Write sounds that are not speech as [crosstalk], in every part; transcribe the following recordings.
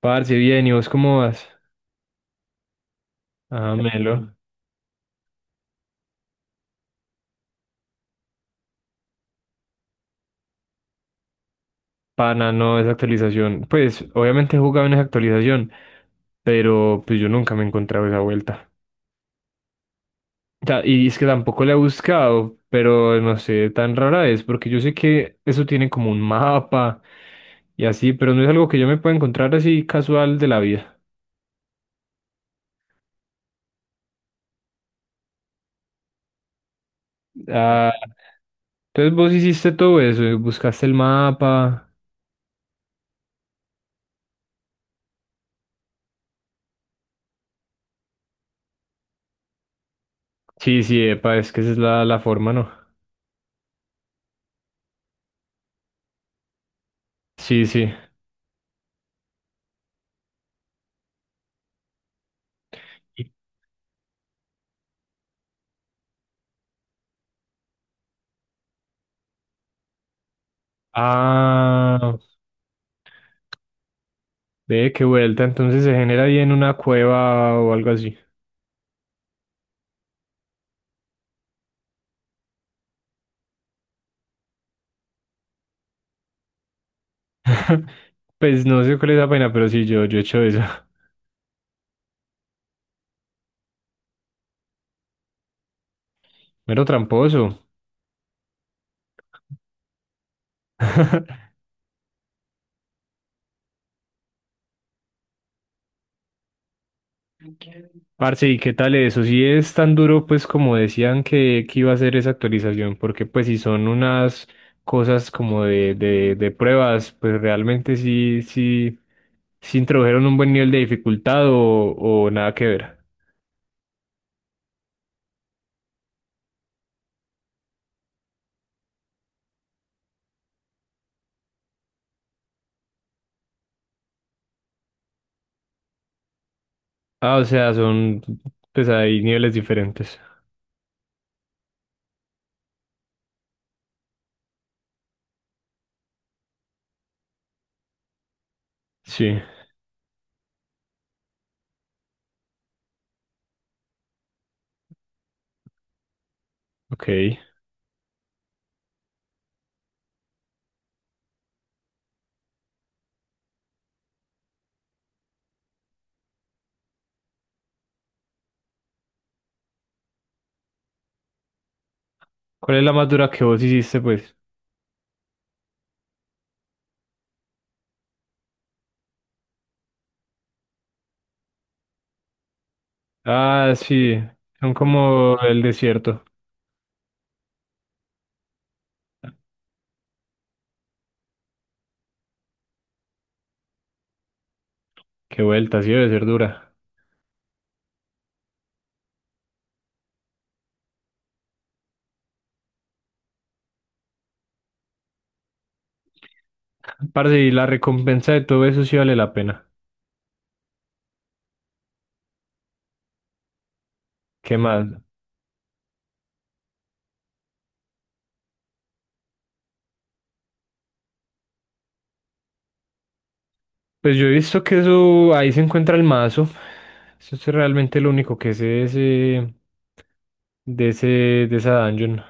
Parce, bien, ¿y vos cómo vas? Ah, melo. Pana, no, esa actualización. Pues, obviamente he jugado en esa actualización, pero pues yo nunca me he encontrado esa vuelta. O sea, y es que tampoco la he buscado, pero no sé, tan rara es, porque yo sé que eso tiene como un mapa y así, pero no es algo que yo me pueda encontrar así casual de la vida. Ah, entonces vos hiciste todo eso, y buscaste el mapa. Sí, sí, epa, es que esa es la forma, ¿no? Sí, sí. Ah, ve qué vuelta, entonces se genera ahí en una cueva o algo así. [laughs] Pues no sé cuál es la pena, pero sí, yo he hecho eso. [laughs] Mero tramposo. [laughs] Parce, ¿y qué tal eso? Si es tan duro, pues como decían que iba a ser esa actualización, porque pues si son unas cosas como de pruebas, pues realmente sí, sí, sí introdujeron un buen nivel de dificultad o nada que ver. Ah, o sea, son, pues hay niveles diferentes. Sí, ok. ¿Cuál es la más dura que vos hiciste, pues? Ah, sí, son como el desierto. Qué vuelta, sí debe ser dura. Parce, y la recompensa de todo eso sí vale la pena. ¿Qué más? Pues yo he visto que eso, ahí se encuentra el mazo. Eso es realmente lo único que sé de ese, de ese, de esa dungeon.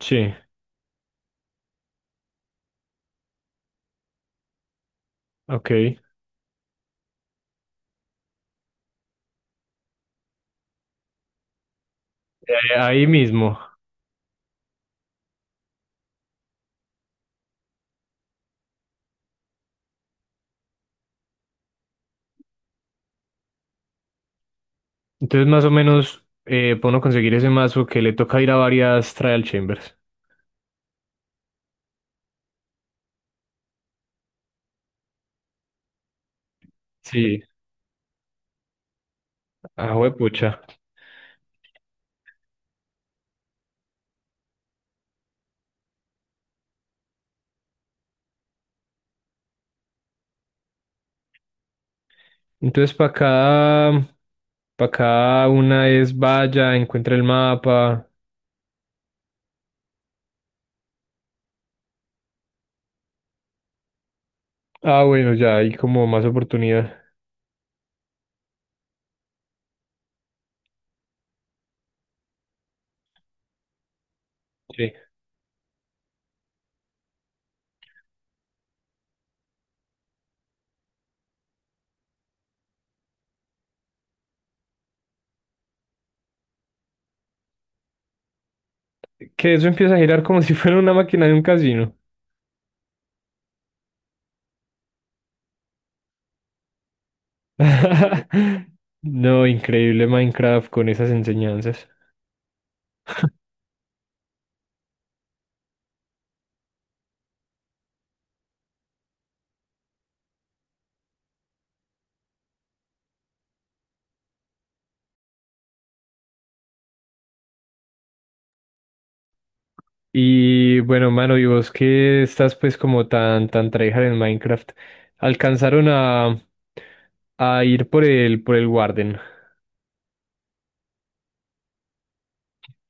Sí, ok. Ahí mismo. Entonces, más o menos, puedo conseguir ese mazo que le toca ir a varias trial chambers. Sí, ah, pucha. Entonces, para cada una es vaya, encuentra el mapa. Ah, bueno, ya hay como más oportunidad. Sí. Que eso empieza a girar como [laughs] si fuera una máquina de un casino. [laughs] No, increíble Minecraft con esas enseñanzas. Y bueno, mano, y vos que estás pues como tan, tan tryhard en Minecraft, alcanzaron a ir por el Warden.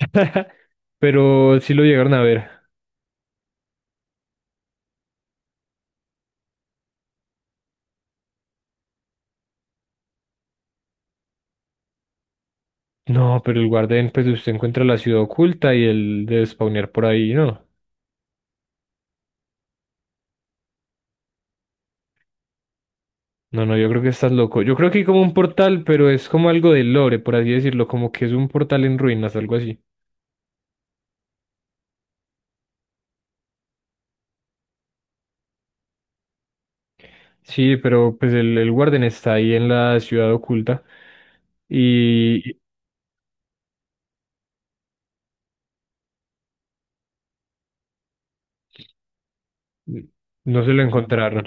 [laughs] Pero sí lo llegaron a ver. No, pero el Warden, pues usted encuentra la ciudad oculta y el de spawnear por ahí, ¿no? No, no, yo creo que estás loco. Yo creo que hay como un portal, pero es como algo de lore, por así decirlo, como que es un portal en ruinas, algo así. Sí, pero pues el Warden está ahí en la ciudad oculta y y no se lo encontraron.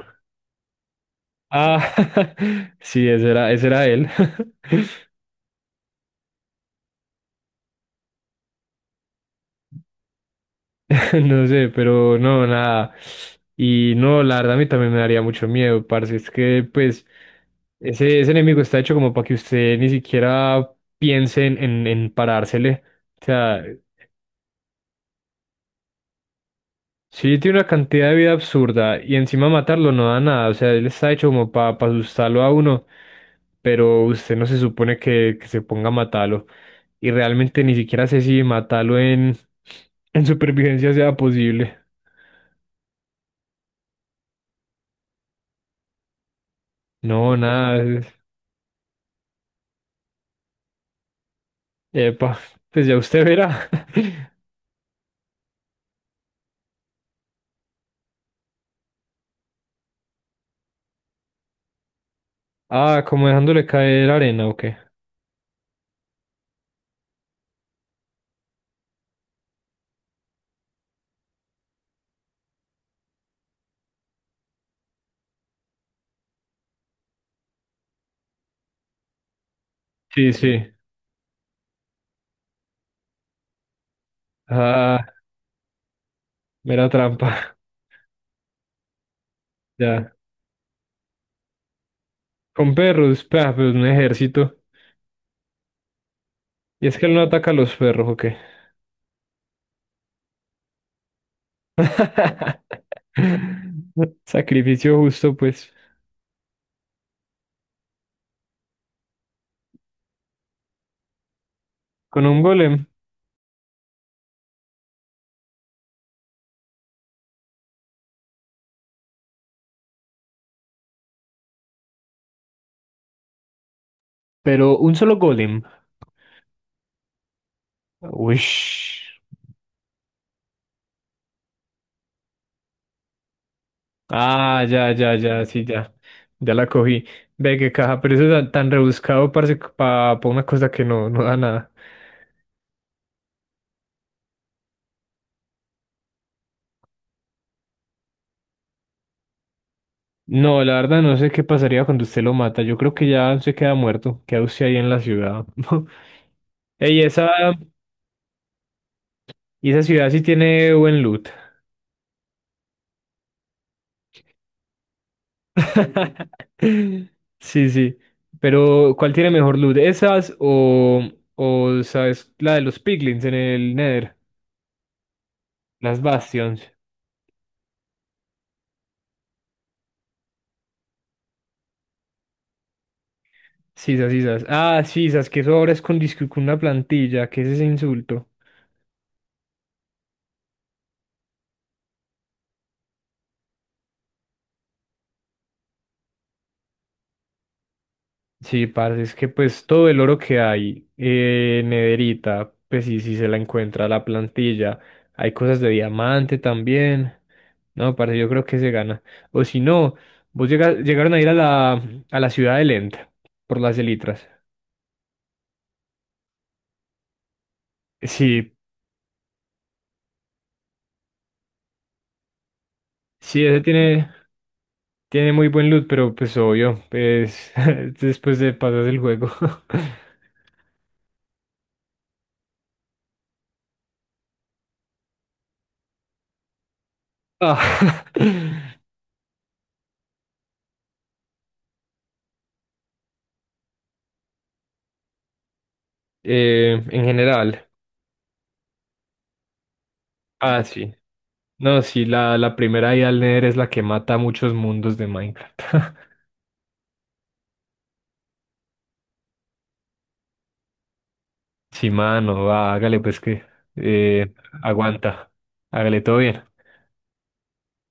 Ah, [laughs] sí, ese era él. [laughs] [laughs] No sé, pero no, nada. Y no, la verdad a mí también me daría mucho miedo, parce. Es que, pues, ese enemigo está hecho como para que usted ni siquiera piense en parársele. O sea, sí tiene una cantidad de vida absurda y encima matarlo no da nada. O sea, él está hecho como para asustarlo a uno, pero usted no se supone que se ponga a matarlo. Y realmente ni siquiera sé si matarlo en supervivencia sea posible. No, nada. Epa, pues ya usted verá. [laughs] Ah, como dejándole caer arena, ¿o qué? Sí, sí. Ah, mera trampa. Ya. Con perros, pa, pues un ejército. Y es que él no ataca a los perros, ¿o qué? [laughs] Sacrificio justo, pues. Con un golem. Pero un solo golem. Uish. Ah, ya, ya, ya, sí, ya. Ya la cogí. Ve qué caja, pero eso es tan tan rebuscado, parece, para una cosa que no, no da nada. No, la verdad no sé qué pasaría cuando usted lo mata. Yo creo que ya se queda muerto. Queda usted ahí en la ciudad. [laughs] Ey, esa, y esa ciudad sí tiene buen loot. [laughs] Sí, sí. Pero, ¿cuál tiene mejor loot? ¿Esas o sabes, la de los piglins en el Nether? Las Bastions. Sisas, sisas. Ah, sisas. Que eso ahora es con, disque- con una plantilla. ¿Qué es ese insulto? Sí, parce, es que pues todo el oro que hay, en nederita, pues sí, sí se la encuentra la plantilla. Hay cosas de diamante también. No, parce, yo creo que se gana. O si no, vos llega- llegaron a ir a la ciudad de Lent por las elitras. Sí, sí, ese tiene, tiene muy buen loot, pero pues obvio, pues [laughs] después de pasar el juego. [laughs] Ah, [laughs] en general. Ah, sí. No, sí, la primera ida al Nether es la que mata a muchos mundos de Minecraft. [laughs] Sí, mano, va, hágale pues que eh, aguanta. Hágale todo bien.